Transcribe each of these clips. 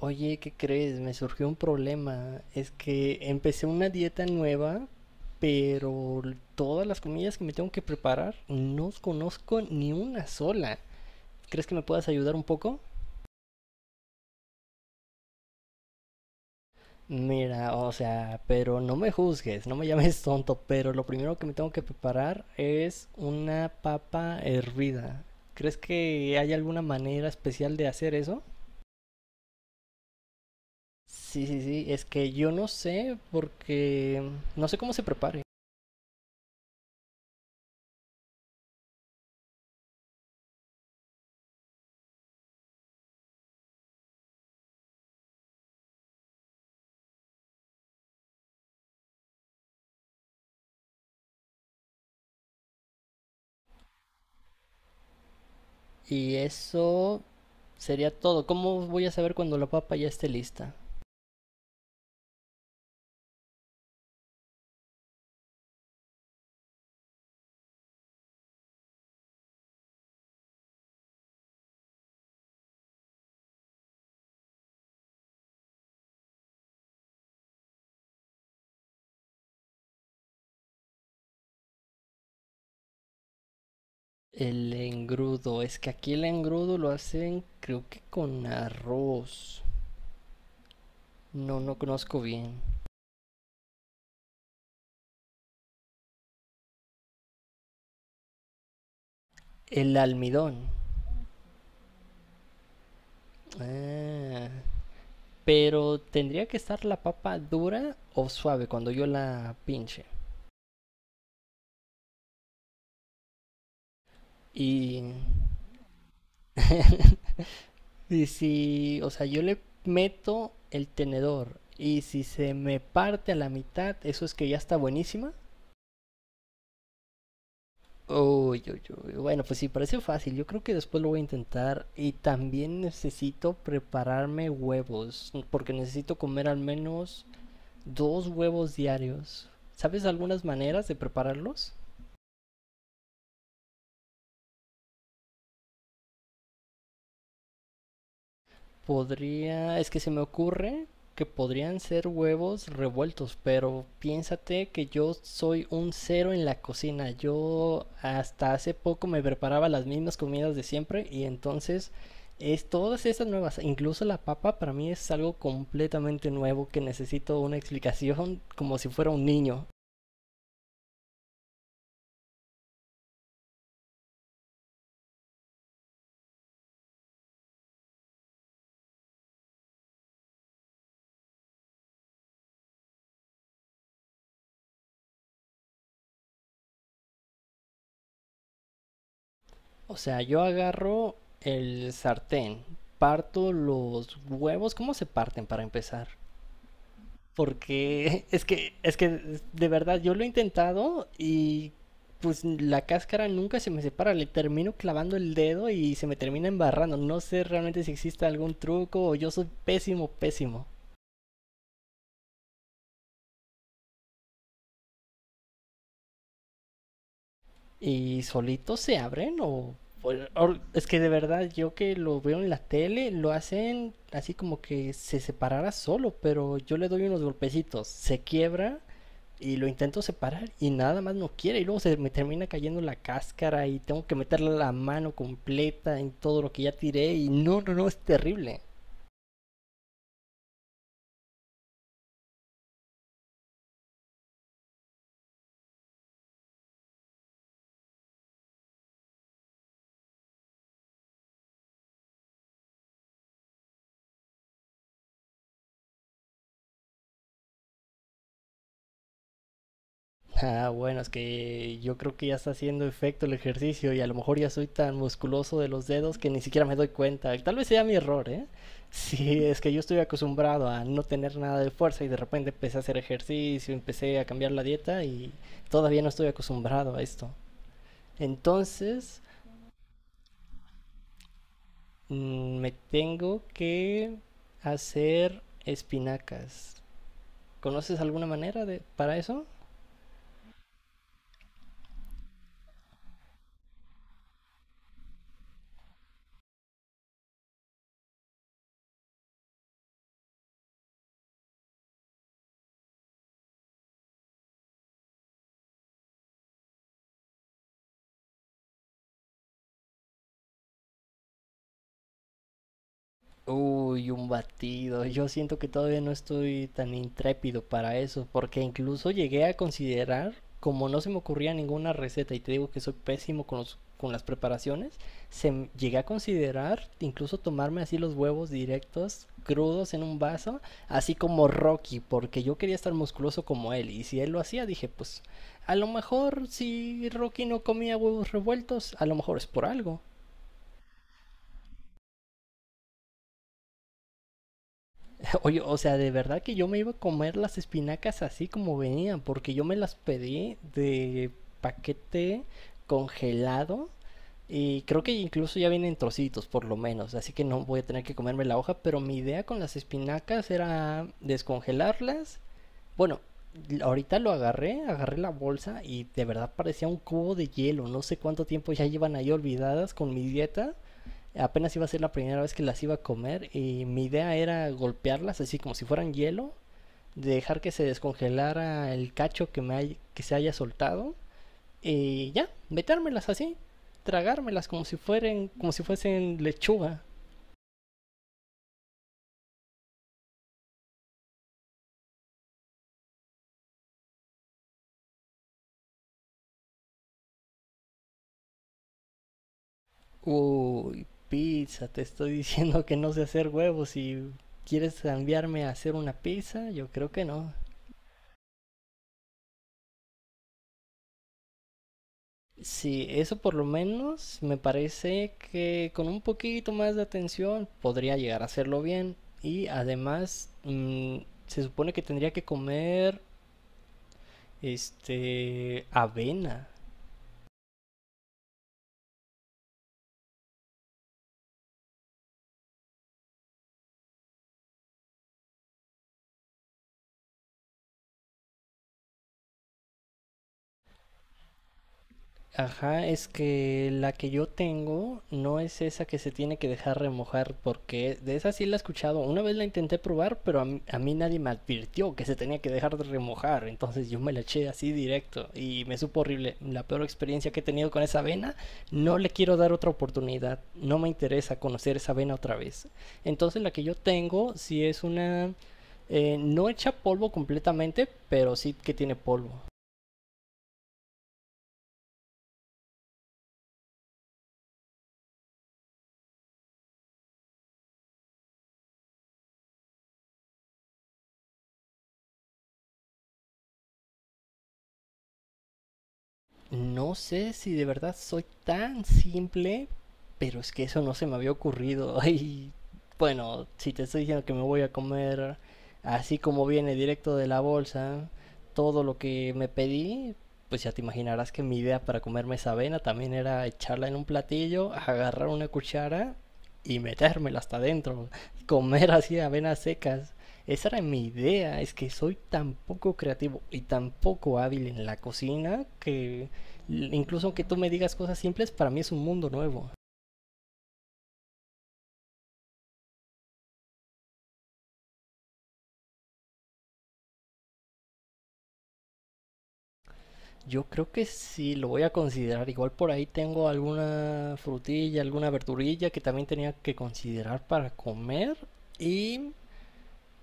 Oye, ¿qué crees? Me surgió un problema. Es que empecé una dieta nueva, pero todas las comidas que me tengo que preparar, no conozco ni una sola. ¿Crees que me puedas ayudar un poco? Mira, o sea, pero no me juzgues, no me llames tonto, pero lo primero que me tengo que preparar es una papa hervida. ¿Crees que hay alguna manera especial de hacer eso? Sí, sí, sí, es que yo no sé porque no sé cómo se prepare. Y eso sería todo. ¿Cómo voy a saber cuando la papa ya esté lista? El engrudo. Es que aquí el engrudo lo hacen creo que con arroz. No, no conozco bien. El almidón. Ah, pero tendría que estar la papa dura o suave cuando yo la pinche. Y... y si, o sea, yo le meto el tenedor y si se me parte a la mitad, eso es que ya está buenísima. Uy, uy, uy. Bueno, pues sí, parece fácil. Yo creo que después lo voy a intentar. Y también necesito prepararme huevos, porque necesito comer al menos dos huevos diarios. ¿Sabes algunas maneras de prepararlos? Podría, es que se me ocurre que podrían ser huevos revueltos, pero piénsate que yo soy un cero en la cocina. Yo hasta hace poco me preparaba las mismas comidas de siempre y entonces es todas estas nuevas, incluso la papa para mí es algo completamente nuevo que necesito una explicación como si fuera un niño. O sea, yo agarro el sartén, parto los huevos, ¿cómo se parten para empezar? Porque es que de verdad yo lo he intentado y pues la cáscara nunca se me separa, le termino clavando el dedo y se me termina embarrando. No sé realmente si existe algún truco o yo soy pésimo, pésimo. Y solitos se abren o- o, es que de verdad yo que lo veo en la tele lo hacen así como que se separara solo, pero yo le doy unos golpecitos, se quiebra y lo intento separar y nada más no quiere. Y luego se me termina cayendo la cáscara y tengo que meterle la mano completa en todo lo que ya tiré. Y no, no, no, es terrible. Ah, bueno, es que yo creo que ya está haciendo efecto el ejercicio y a lo mejor ya soy tan musculoso de los dedos que ni siquiera me doy cuenta. Tal vez sea mi error, ¿eh? Sí, es que yo estoy acostumbrado a no tener nada de fuerza y de repente empecé a hacer ejercicio, empecé a cambiar la dieta y todavía no estoy acostumbrado a esto. Entonces, Me tengo que hacer espinacas. ¿Conoces alguna manera de para eso? Uy, un batido. Yo siento que todavía no estoy tan intrépido para eso, porque incluso llegué a considerar, como no se me ocurría ninguna receta, y te digo que soy pésimo con con las preparaciones, llegué a considerar incluso tomarme así los huevos directos, crudos en un vaso, así como Rocky, porque yo quería estar musculoso como él, y si él lo hacía, dije, pues a lo mejor si Rocky no comía huevos revueltos, a lo mejor es por algo. Oye, o sea, de verdad que yo me iba a comer las espinacas así como venían, porque yo me las pedí de paquete congelado y creo que incluso ya vienen trocitos por lo menos, así que no voy a tener que comerme la hoja, pero mi idea con las espinacas era descongelarlas. Bueno, ahorita lo agarré, agarré la bolsa y de verdad parecía un cubo de hielo, no sé cuánto tiempo ya llevan ahí olvidadas con mi dieta. Apenas iba a ser la primera vez que las iba a comer y mi idea era golpearlas así como si fueran hielo, dejar que se descongelara el cacho que se haya soltado y ya, metérmelas así, tragármelas como si fueran, como si fuesen lechuga. Uy, pizza, te estoy diciendo que no sé hacer huevos y quieres enviarme a hacer una pizza, yo creo que no. Sí, eso por lo menos me parece que con un poquito más de atención podría llegar a hacerlo bien. Y además, se supone que tendría que comer este avena. Ajá, es que la que yo tengo no es esa que se tiene que dejar remojar, porque de esa sí la he escuchado. Una vez la intenté probar, pero a mí nadie me advirtió que se tenía que dejar de remojar, entonces yo me la eché así directo y me supo horrible. La peor experiencia que he tenido con esa avena, no le quiero dar otra oportunidad, no me interesa conocer esa avena otra vez. Entonces la que yo tengo sí es una, no echa polvo completamente, pero sí que tiene polvo. No sé si de verdad soy tan simple, pero es que eso no se me había ocurrido. Y bueno, si te estoy diciendo que me voy a comer así como viene directo de la bolsa, todo lo que me pedí, pues ya te imaginarás que mi idea para comerme esa avena también era echarla en un platillo, agarrar una cuchara y metérmela hasta adentro, comer así avenas secas. Esa era mi idea, es que soy tan poco creativo y tan poco hábil en la cocina que incluso aunque tú me digas cosas simples, para mí es un mundo nuevo. Yo creo que sí lo voy a considerar. Igual por ahí tengo alguna frutilla, alguna verdurilla que también tenía que considerar para comer. Y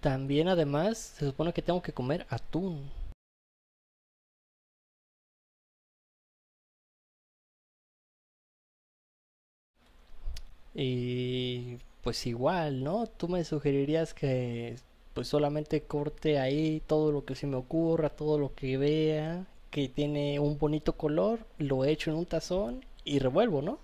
también además se supone que tengo que comer atún. Y pues igual, ¿no? Tú me sugerirías que pues solamente corte ahí todo lo que se me ocurra, todo lo que vea, que tiene un bonito color, lo echo en un tazón y revuelvo, ¿no?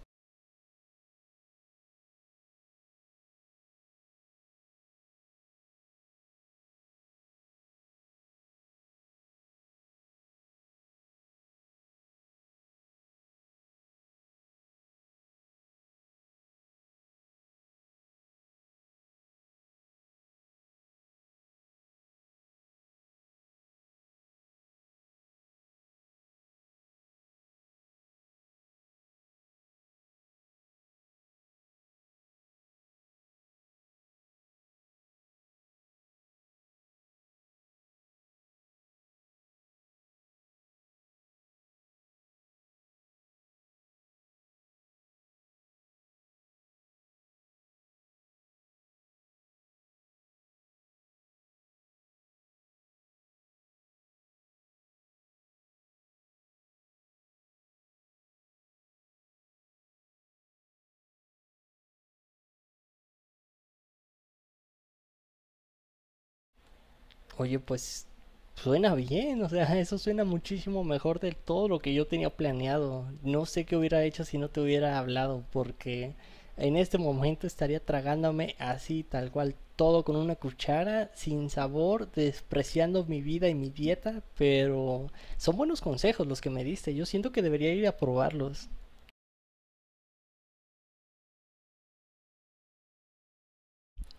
Oye, pues suena bien, o sea, eso suena muchísimo mejor de todo lo que yo tenía planeado. No sé qué hubiera hecho si no te hubiera hablado, porque en este momento estaría tragándome así, tal cual, todo con una cuchara, sin sabor, despreciando mi vida y mi dieta, pero son buenos consejos los que me diste. Yo siento que debería ir a probarlos.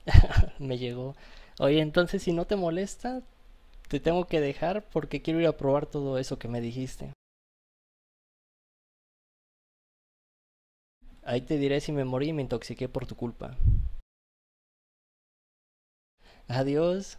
Me llegó. Oye, entonces si no te molesta, te tengo que dejar porque quiero ir a probar todo eso que me dijiste. Ahí te diré si me morí y me intoxiqué por tu culpa. Adiós.